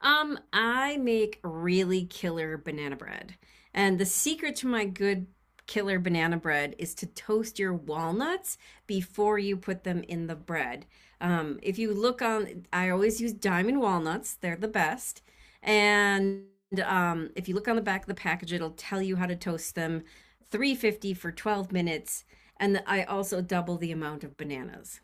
I make really killer banana bread. And the secret to my good killer banana bread is to toast your walnuts before you put them in the bread. If you look on, I always use Diamond walnuts, they're the best. And if you look on the back of the package, it'll tell you how to toast them. 350 for 12 minutes. And I also double the amount of bananas.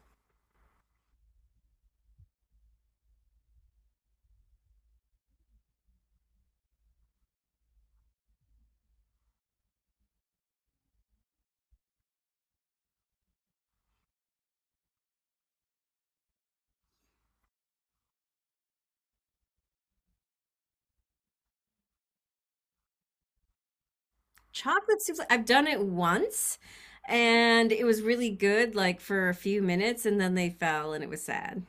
Chocolate souffle. I've done it once and it was really good, like for a few minutes, and then they fell and it was sad.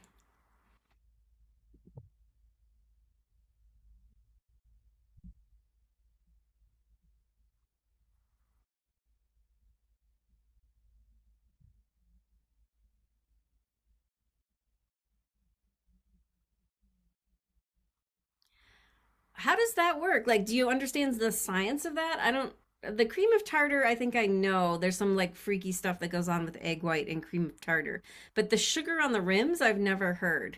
How does that work? Like, do you understand the science of that? I don't. The cream of tartar, I think I know. There's some like freaky stuff that goes on with egg white and cream of tartar, but the sugar on the rims, I've never heard.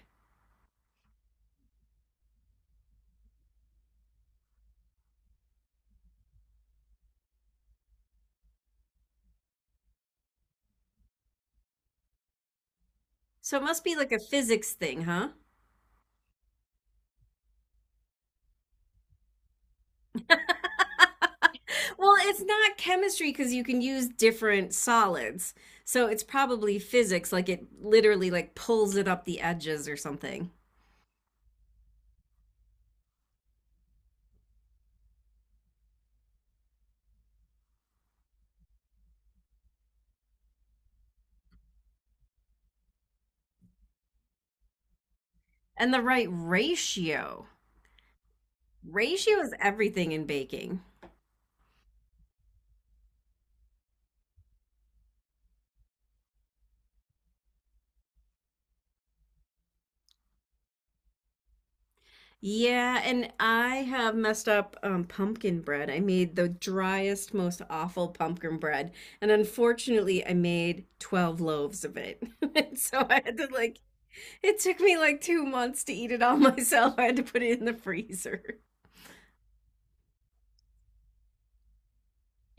So it must be like a physics thing, huh? Well, it's not chemistry because you can use different solids. So it's probably physics, like it literally like pulls it up the edges or something. And the right ratio. Ratio is everything in baking. Yeah, and I have messed up pumpkin bread. I made the driest, most awful pumpkin bread, and unfortunately, I made 12 loaves of it. And so I had to like, it took me like 2 months to eat it all myself. I had to put it in the freezer.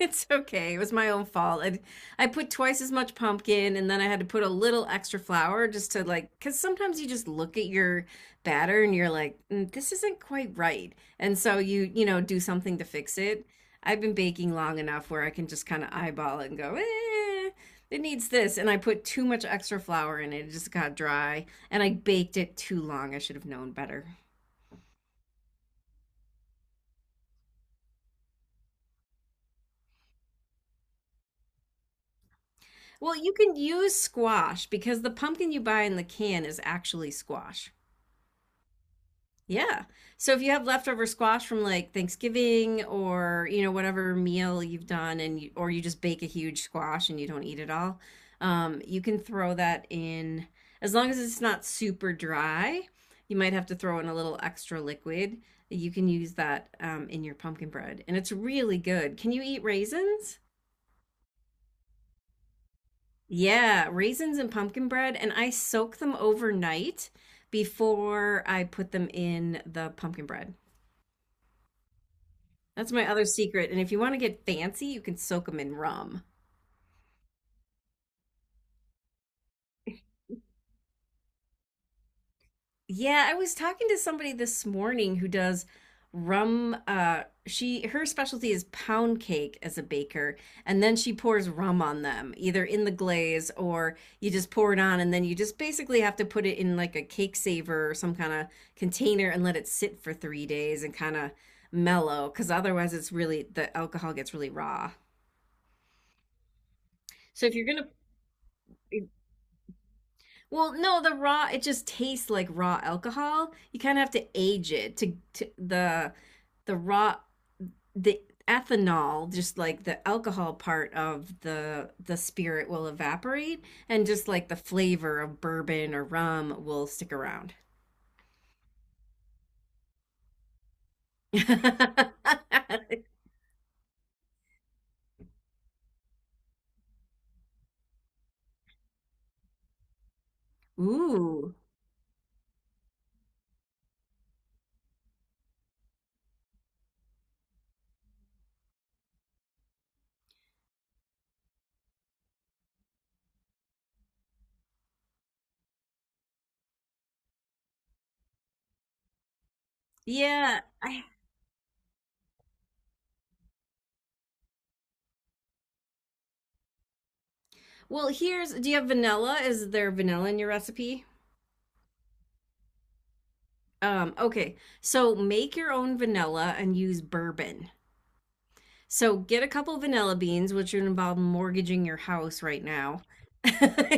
It's okay. It was my own fault. I put twice as much pumpkin and then I had to put a little extra flour just to like, because sometimes you just look at your batter and you're like, "Mm, this isn't quite right." And so you, do something to fix it. I've been baking long enough where I can just kind of eyeball it and go, eh, it needs this. And I put too much extra flour in it. It just got dry and I baked it too long. I should have known better. Well, you can use squash because the pumpkin you buy in the can is actually squash. Yeah. So if you have leftover squash from like Thanksgiving or, whatever meal you've done and you, or you just bake a huge squash and you don't eat it all, you can throw that in as long as it's not super dry. You might have to throw in a little extra liquid. You can use that in your pumpkin bread, and it's really good. Can you eat raisins? Yeah, raisins and pumpkin bread, and I soak them overnight before I put them in the pumpkin bread. That's my other secret. And if you want to get fancy, you can soak them in rum. Yeah, I was talking to somebody this morning who does rum, she, her specialty is pound cake as a baker, and then she pours rum on them either in the glaze or you just pour it on and then you just basically have to put it in like a cake saver or some kind of container and let it sit for 3 days and kind of mellow cuz otherwise it's really, the alcohol gets really raw. So if you're going to Well, no, the raw, it just tastes like raw alcohol. You kind of have to age it to the raw the ethanol, just like the alcohol part of the spirit will evaporate and just like the flavor of bourbon or rum will stick around. Ooh. Yeah. Well, here's, do you have vanilla? Is there vanilla in your recipe? Okay. So make your own vanilla and use bourbon. So get a couple vanilla beans, which would involve mortgaging your house right now.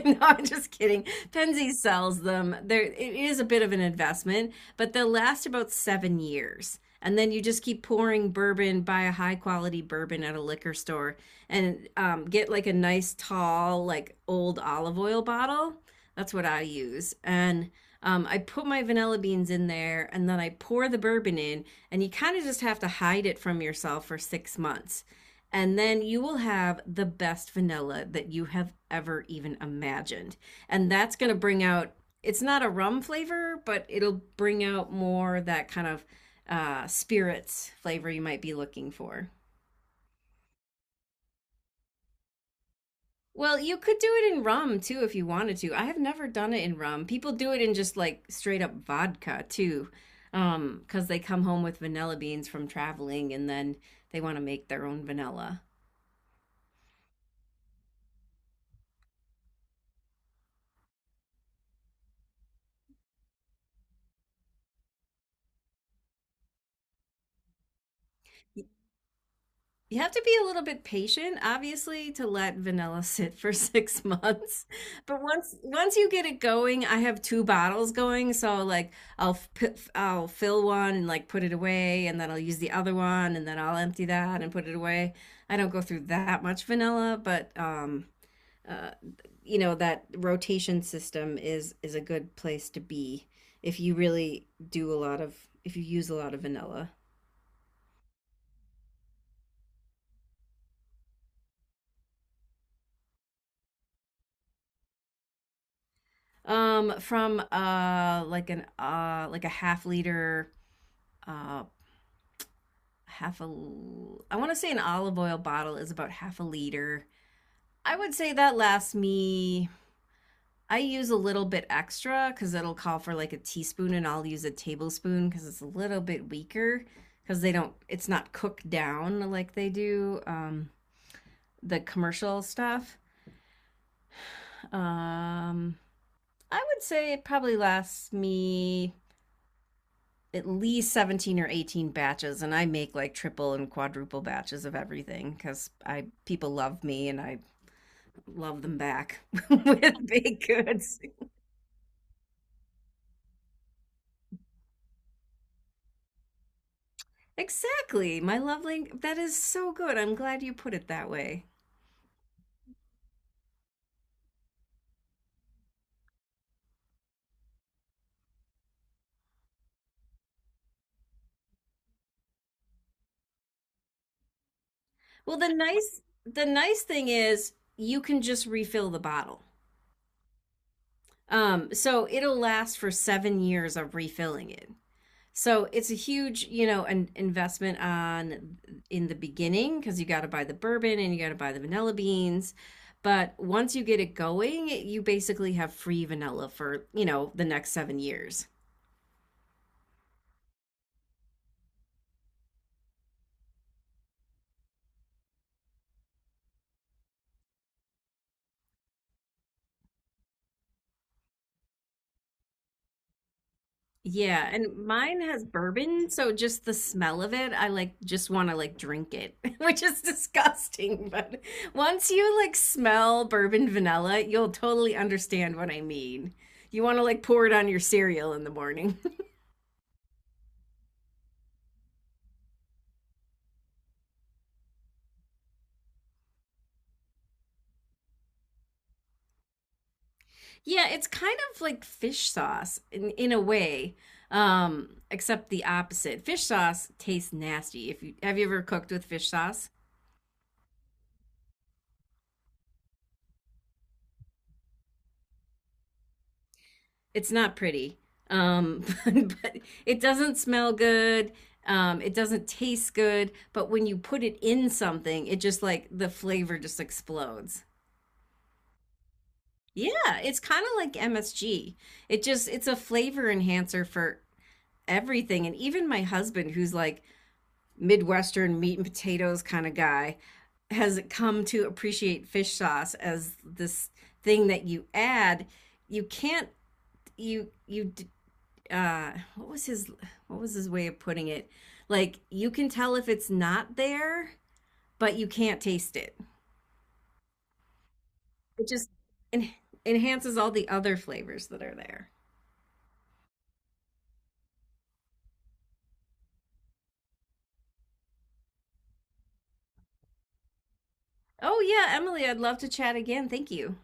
No, I'm just kidding. Penzi sells them. There, it is a bit of an investment, but they'll last about 7 years. And then you just keep pouring bourbon, buy a high quality bourbon at a liquor store, and get like a nice tall, like old olive oil bottle. That's what I use. And I put my vanilla beans in there and then I pour the bourbon in, and you kind of just have to hide it from yourself for 6 months. And then you will have the best vanilla that you have ever even imagined. And that's going to bring out, it's not a rum flavor, but it'll bring out more that kind of spirits flavor you might be looking for. Well, you could do it in rum too if you wanted to. I have never done it in rum. People do it in just like straight up vodka too. Because they come home with vanilla beans from traveling and then they want to make their own vanilla. You have to be a little bit patient, obviously, to let vanilla sit for 6 months. But once you get it going, I have two bottles going, so like I'll f- p- f- I'll fill one and like put it away, and then I'll use the other one, and then I'll empty that and put it away. I don't go through that much vanilla, but uh, that rotation system is a good place to be if you really do a lot of, if you use a lot of vanilla. From like an like a half liter, uh half a I want to say an olive oil bottle is about half a liter. I would say that lasts me, I use a little bit extra cuz it'll call for like a teaspoon and I'll use a tablespoon cuz it's a little bit weaker cuz they don't, it's not cooked down like they do the commercial stuff. Um I would say it probably lasts me at least 17 or 18 batches, and I make like triple and quadruple batches of everything because I, people love me and I love them back with baked goods. Exactly, my lovely, that is so good. I'm glad you put it that way. Well, the nice thing is you can just refill the bottle, so it'll last for 7 years of refilling it. So it's a huge, an investment on, in the beginning because you got to buy the bourbon and you got to buy the vanilla beans. But once you get it going, you basically have free vanilla for, the next 7 years. Yeah, and mine has bourbon, so just the smell of it, I like just want to like drink it, which is disgusting. But once you like smell bourbon vanilla, you'll totally understand what I mean. You want to like pour it on your cereal in the morning. Yeah, it's kind of like fish sauce in a way, except the opposite. Fish sauce tastes nasty. If you have you ever cooked with fish sauce? It's not pretty. Um, but, but it doesn't smell good. It doesn't taste good. But when you put it in something, it just like the flavor just explodes. Yeah, it's kind of like MSG. It's a flavor enhancer for everything. And even my husband, who's like Midwestern meat and potatoes kind of guy, has come to appreciate fish sauce as this thing that you add. You can't you you What was his, what was his way of putting it? Like you can tell if it's not there, but you can't taste it. It just en- enhances all the other flavors that are there. Oh yeah, Emily, I'd love to chat again. Thank you.